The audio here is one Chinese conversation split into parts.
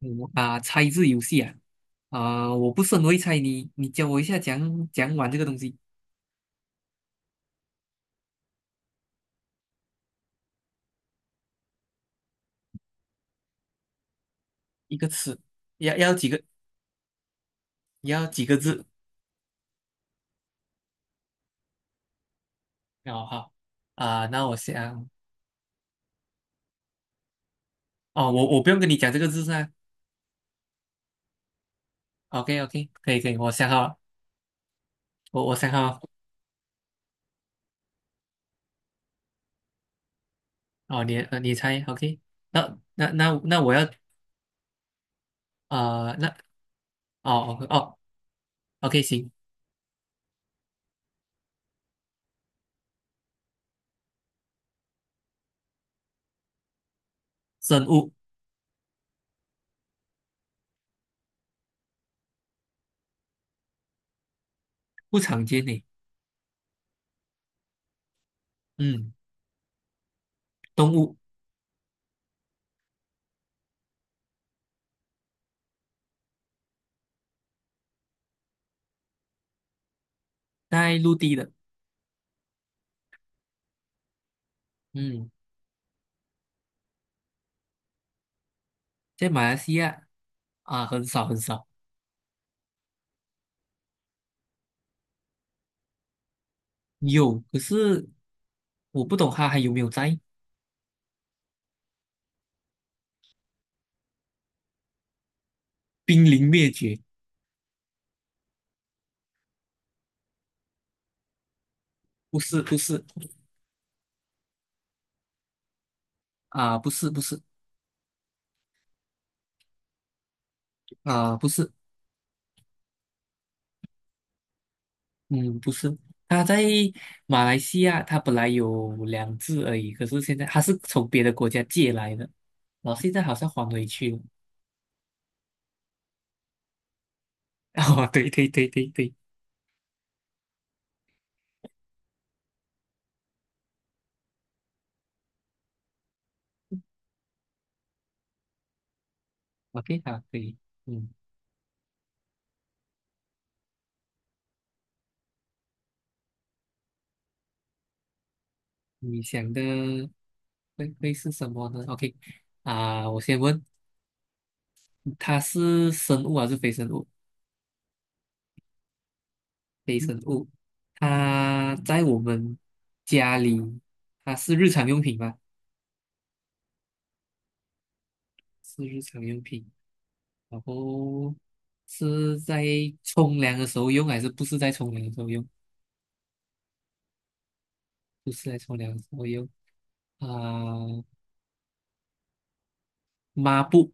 嗯啊，猜字游戏啊，啊、我不是很会猜你，你教我一下讲讲玩这个东西，一个词，要几个几个字？哦好，啊、那我想，哦我不用跟你讲这个字噻。o k OK，可以可以，我想好了，我想好了，哦你你猜 OK，那我要啊，那哦哦哦 OK 行，生物不常见呢，嗯，动物在陆地的，嗯，在马来西亚啊、很少很少。有，可是我不懂它还有没有在，濒临灭绝，不是不是啊、不是不是啊、不是，嗯不是，他在马来西亚，他本来有两只而已，可是现在他是从别的国家借来的，然后现在好像还回去了。哦，对对对对对，OK 好，可以，嗯，你想的会是什么呢？OK 啊、我先问，它是生物还是非生物？非生物，它在我们家里，它是日常用品吧？是日常用品，然后是在冲凉的时候用，还是不是在冲凉的时候用？不是在冲凉的时候用啊、抹布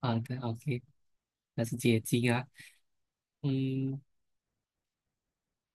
啊，对，OK，那是洁净啊，嗯，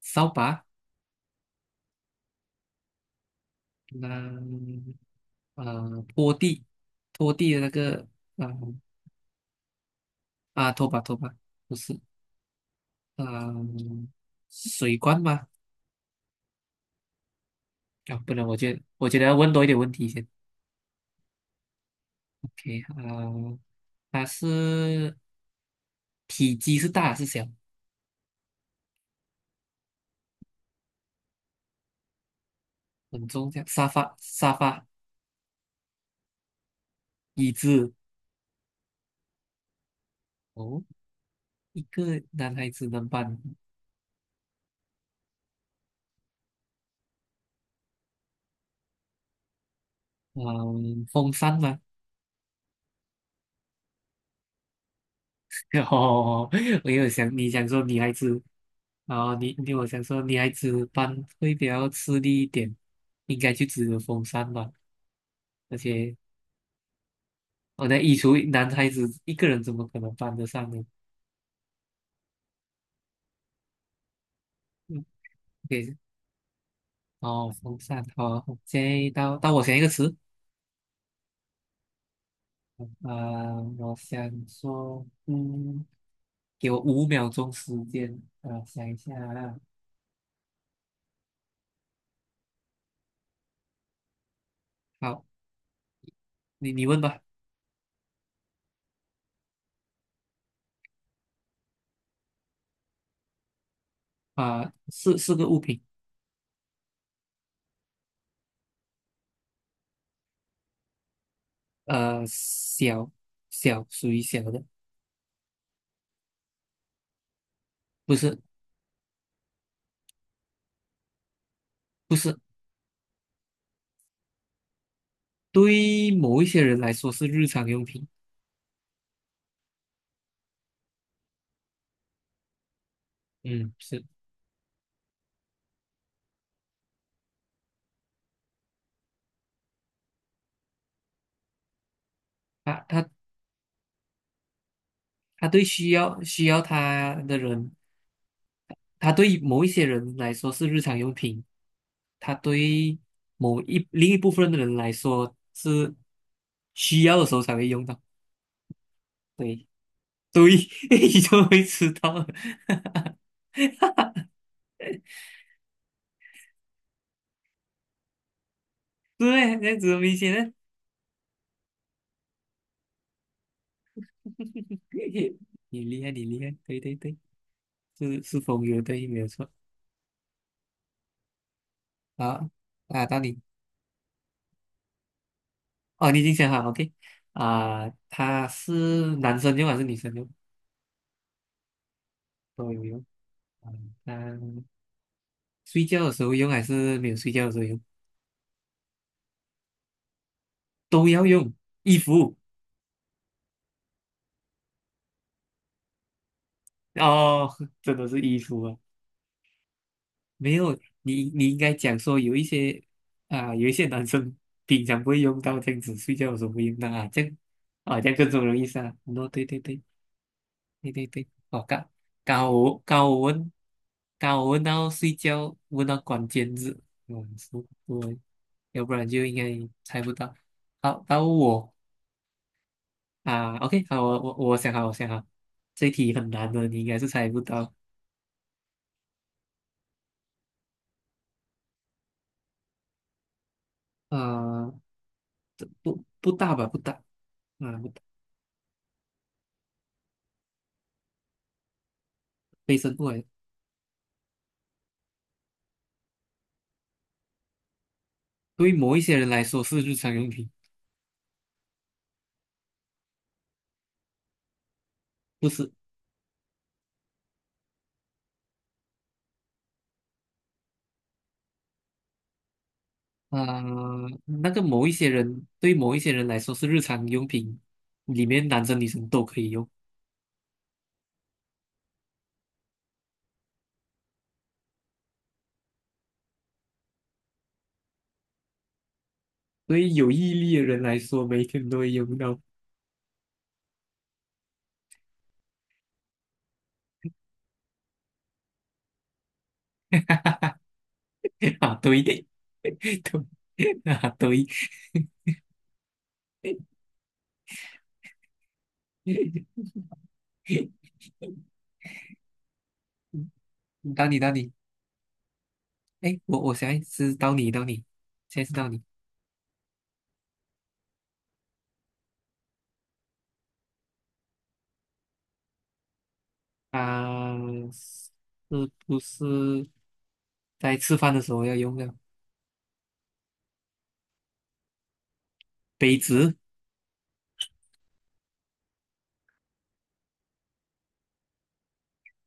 扫把，那啊、拖地，拖地的那个啊啊，拖把拖把不是啊、水罐吗？啊，不能，我觉得要问多一点问题先。OK，啊、它是体积是大是小？很重，这样沙发沙发椅子哦，一个男孩子能搬，嗯、风扇吗？哦，我有想你想说女孩子，然后你我想说女孩子搬会比较吃力一点，应该就只有风扇吧。而且我在移除男孩子一个人怎么可能搬得上呢？嗯，OK，哦，风扇，好，OK，到我想一个词，我想说，嗯，给我五秒钟时间，想一下啊，好，你问吧，啊、是个物品，小属于小的，不是不是，对于某一些人来说是日常用品，嗯，是，他他对需要他的人它对某一些人来说是日常用品，它对某一另一部分的人来说是需要的时候才会用到。对，对，你就会知道了。对，这样子很明显的。你厉害，你厉害，对对对，是风流，对，没有错。好，啊，到你，哦，你已经想好，OK，啊，他是男生用还是女生用？都有用。啊，那睡觉的时候用还是没有睡觉的时候用？都要用衣服哦，真的是衣服啊！没有，你你应该讲说有一些啊，有一些男生平常不会用到这样子，睡觉的时候会用到啊，这样啊，这样更容易杀。喏，对对对对对对，哦，刚我刚我问，刚我问到睡觉，问到关键字，嗯，是对，要不然就应该猜不到。好，到我啊，OK，好，我想好，我想好，这题很难的，你应该是猜不到。啊。不大吧，不大，啊，不大，卫生过来，对某一些人来说是日常用品，不是，啊、那个某一些人对某一些人来说是日常用品，里面男生女生都可以用，对于有毅力的人来说，每天都会用到，啊，对，对，啊，对，到你，到你，哎，我现在是到你，到你，现在是到你，啊、是不是在吃饭的时候要用的杯子？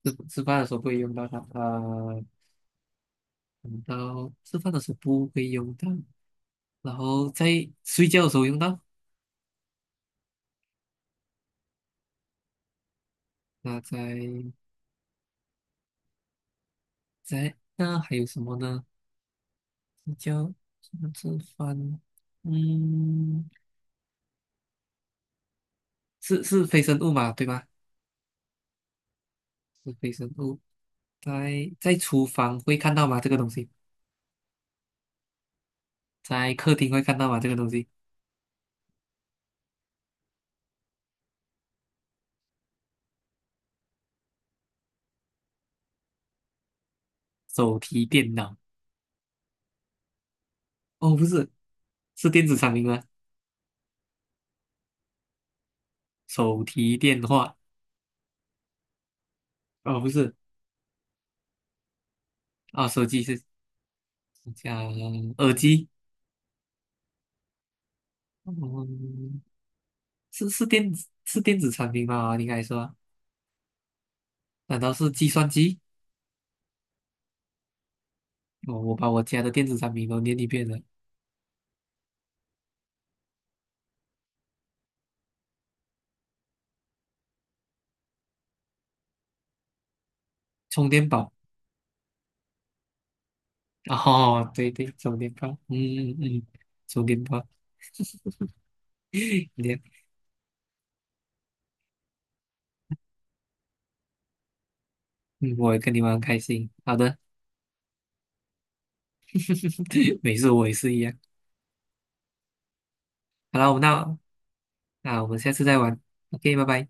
吃饭的时候不会用到它，用到吃饭的时候不会用到，然后在睡觉的时候用到。那在那还有什么呢？睡觉、吃饭，嗯，是非生物嘛，对吧？是非生物，在厨房会看到吗？这个东西，在客厅会看到吗？这个东西，手提电脑。哦，不是，是电子产品吗？手提电话？哦，不是，啊、手机是讲耳机。嗯，是是电子是电子产品吗？应该说，难道是计算机？哦，我把我家的电子产品都念一遍了，充电宝。哦，对对，充电宝。嗯嗯嗯，充电宝。你嗯，我也跟你玩很开心。好的，没事，我也是一样。好了，我们那我们下次再玩。OK，拜拜。